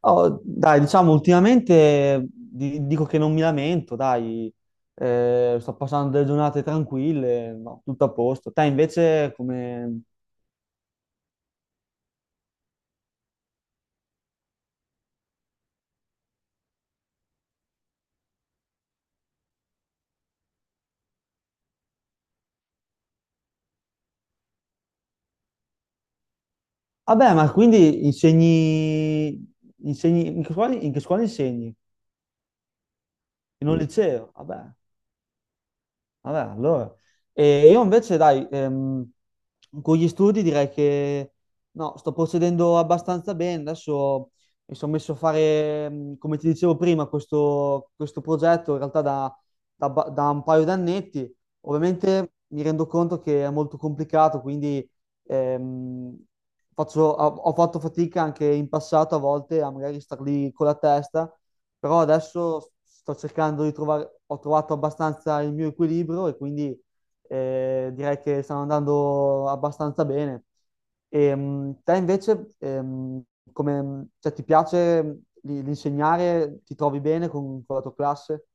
Oh, dai, diciamo, ultimamente dico che non mi lamento, dai. Sto passando delle giornate tranquille, no, tutto a posto. Te invece come... Vabbè, ma quindi insegni... In che scuola, insegni? In un liceo, vabbè. Vabbè, allora. E io invece, dai, con gli studi direi che no, sto procedendo abbastanza bene. Adesso mi sono messo a fare, come ti dicevo prima, questo progetto in realtà da un paio d'annetti. Ovviamente mi rendo conto che è molto complicato, quindi ehm, ho fatto fatica anche in passato a volte a magari star lì con la testa, però adesso sto cercando di trovare, ho trovato abbastanza il mio equilibrio e quindi direi che stanno andando abbastanza bene. E, te invece, cioè, ti piace l'insegnare? Ti trovi bene con la tua classe?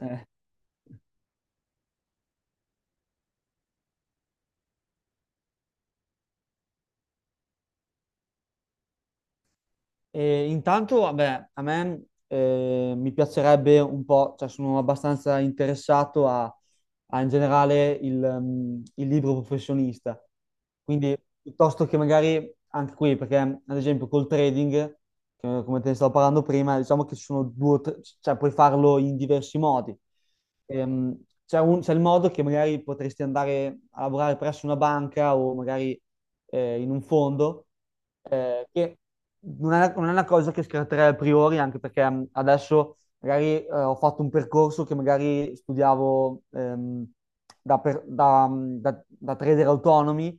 Eh. E intanto, vabbè, a me mi piacerebbe un po', cioè sono abbastanza interessato a, in generale il, il libro professionista. Quindi piuttosto che magari anche qui, perché ad esempio col trading come te ne stavo parlando prima, diciamo che ci sono due o tre, cioè puoi farlo in diversi modi. Ehm, c'è il modo che magari potresti andare a lavorare presso una banca o magari in un fondo, che non è una cosa che scatterei a priori, anche perché adesso magari ho fatto un percorso che magari studiavo da, per- da, da- da trader autonomi.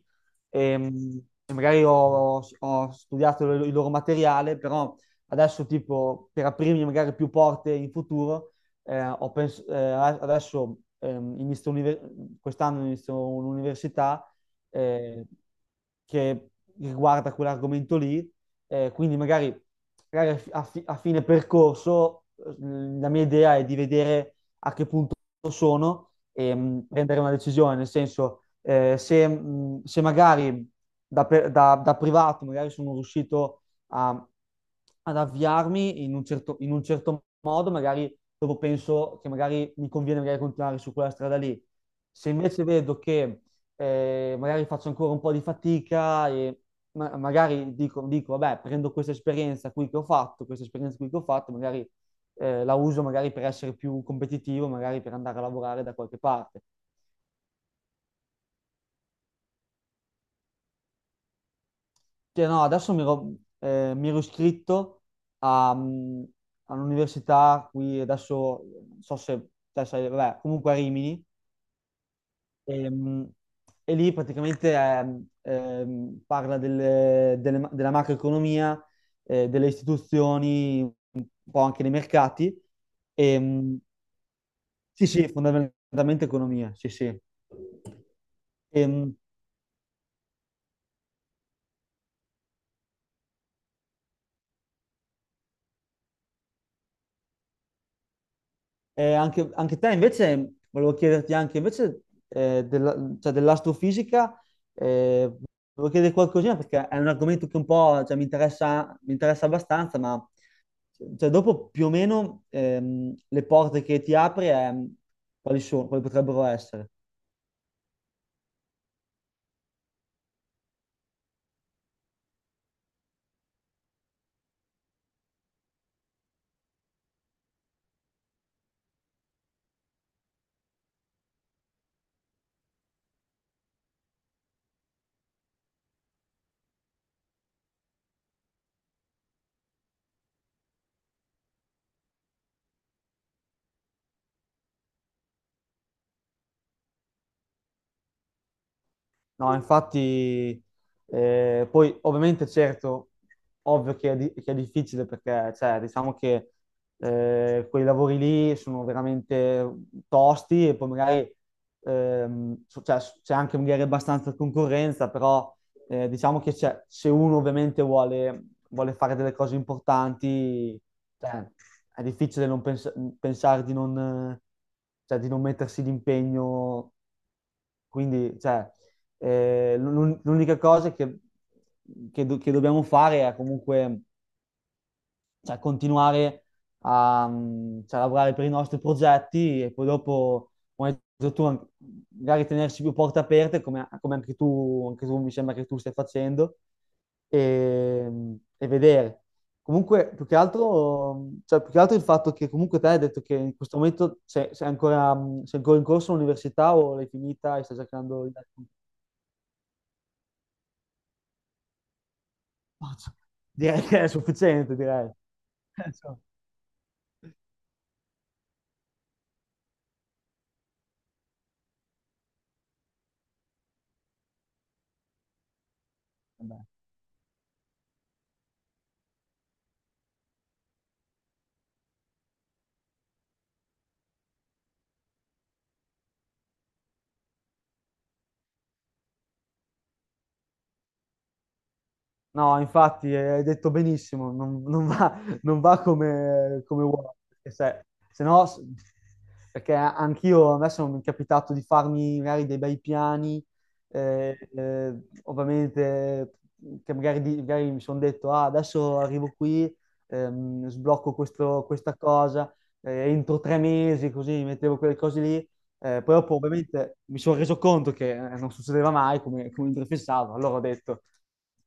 Ehm, magari ho studiato il loro materiale, però adesso tipo per aprirmi magari più porte in futuro, ho pens- adesso inizio univer- quest'anno inizio un'università eh, che riguarda quell'argomento lì, quindi magari, a fine percorso la mia idea è di vedere a che punto sono e prendere una decisione, nel senso se magari da privato magari sono riuscito a- ad avviarmi in un certo, modo, magari dopo penso che magari mi conviene magari continuare su quella strada lì. Se invece vedo che magari faccio ancora un po' di fatica e magari dico, vabbè, prendo questa esperienza qui che ho fatto, magari la uso magari per essere più competitivo, magari per andare a lavorare da qualche parte. Cioè, no, adesso mi ero iscritto a, mm, all'università qui, adesso non so se te sai, vabbè, comunque a Rimini, e, mm, e lì praticamente parla della macroeconomia, delle istituzioni, un po' anche dei mercati. E, sì, sì, fondamentalmente economia, sì, sì. Ehm, anche te invece, volevo chiederti anche invece cioè, dell'astrofisica, eh, volevo chiedere qualcosina perché è un argomento che un po' cioè, mi interessa abbastanza, ma cioè, dopo più o meno le porte che ti apri, quali sono, quali potrebbero essere? No, infatti, poi ovviamente certo, ovvio che è difficile perché, cioè, diciamo che quei lavori lì sono veramente tosti e poi magari cioè, c'è anche magari abbastanza concorrenza, però diciamo che se uno ovviamente vuole, fare delle cose importanti, cioè, è difficile non pens- pensare di non, eh, cioè, di non mettersi d'impegno. Quindi, cioè, l'unica cosa che dobbiamo fare è comunque cioè, continuare a cioè, lavorare per i nostri progetti e poi dopo, come hai detto tu, magari tenersi più porte aperte, come anche tu, mi sembra che tu stai facendo, e, vedere. Comunque, più che altro il fatto che comunque te hai detto che in questo momento sei ancora in corso all'università o l'hai finita e stai cercando... il... Direi che è sufficiente, direi. No, infatti, hai detto benissimo, non va come uomo, perché se no, perché anch'io adesso mi è capitato di farmi magari dei bei piani, eh, eh, ovviamente che magari mi sono detto, ah, adesso arrivo qui, sblocco questa cosa, entro 3 mesi, così mi mettevo quelle cose lì, poi dopo ovviamente mi sono reso conto che non succedeva mai come mi prefissavo, allora ho detto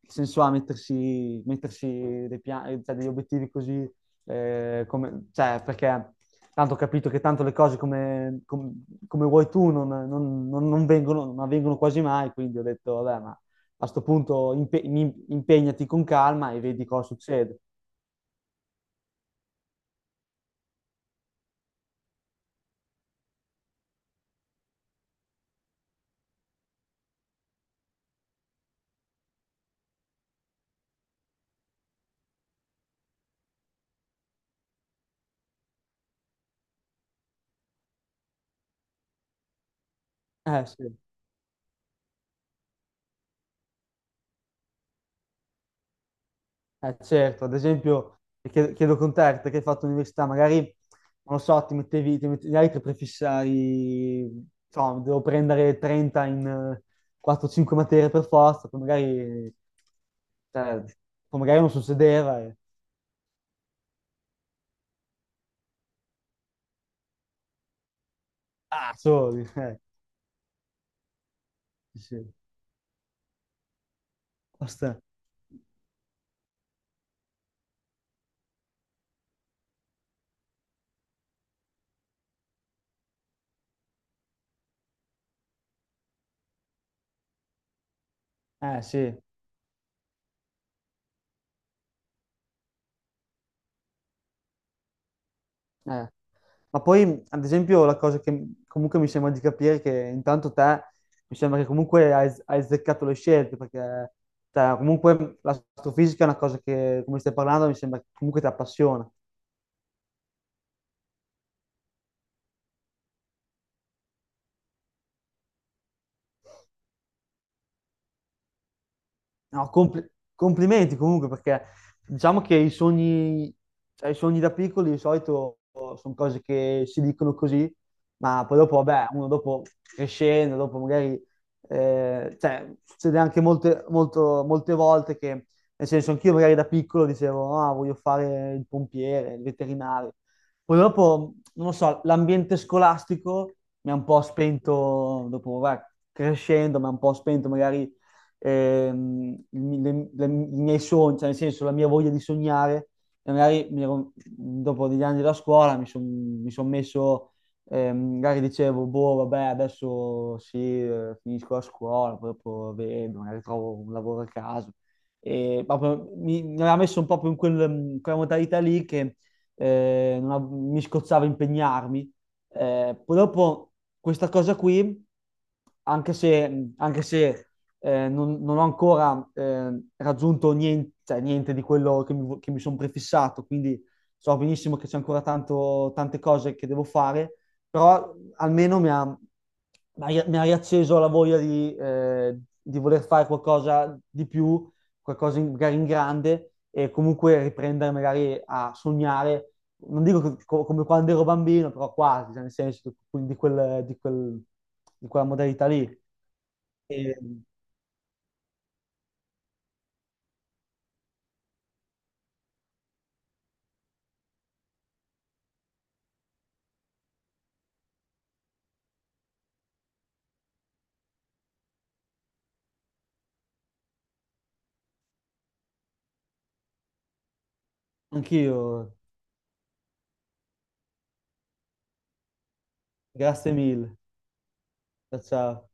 nel senso a mettersi dei cioè, degli obiettivi così, cioè, perché tanto ho capito che tanto le cose come vuoi tu non vengono, non avvengono quasi mai, quindi ho detto, vabbè, ma a sto punto impegnati con calma e vedi cosa succede. Sì. Certo, ad esempio, chiedo con te, perché hai fatto l'università, magari, non lo so, ti mettevi, magari ti prefissavi, so, devo prendere 30 in 4-5 materie per forza, poi magari, cioè, poi magari non succedeva, e, ah, soli, sì, sì. Basta. Sì. Eh, Ma poi, ad esempio, la cosa che comunque mi sembra di capire è che intanto te mi sembra che comunque hai azzeccato le scelte, perché cioè, comunque l'astrofisica è una cosa che, come stai parlando, mi sembra che comunque ti appassiona. No, complimenti comunque perché diciamo che cioè, i sogni da piccoli di solito sono cose che si dicono così, ma poi dopo, vabbè, uno dopo crescendo, dopo magari, cioè, succede anche molte volte che, nel senso, anch'io magari da piccolo dicevo, ah, voglio fare il pompiere, il veterinario. Poi dopo, non lo so, l'ambiente scolastico mi ha un po' spento, dopo, vabbè, crescendo, mi ha un po' spento magari il mi- le- i miei sogni, cioè nel senso la mia voglia di sognare. E magari dopo degli anni della scuola mi sono son messo, magari dicevo, boh, vabbè, adesso sì, finisco la scuola, poi dopo vedo, magari trovo un lavoro a caso. E proprio mi aveva messo un po' più in in quella modalità lì che non av- mi scozzava impegnarmi. Poi dopo questa cosa qui, anche se non ho ancora raggiunto niente, cioè, niente di quello che che mi sono prefissato, quindi so benissimo che c'è ancora tanto, tante cose che devo fare, però almeno mi ha riacceso la voglia di voler fare qualcosa di più, qualcosa magari in grande e comunque riprendere magari a sognare. Non dico come quando ero bambino, però quasi, cioè, nel senso quel- di quel- di quella modalità lì. E- Anch'io, grazie mille. Ciao ciao.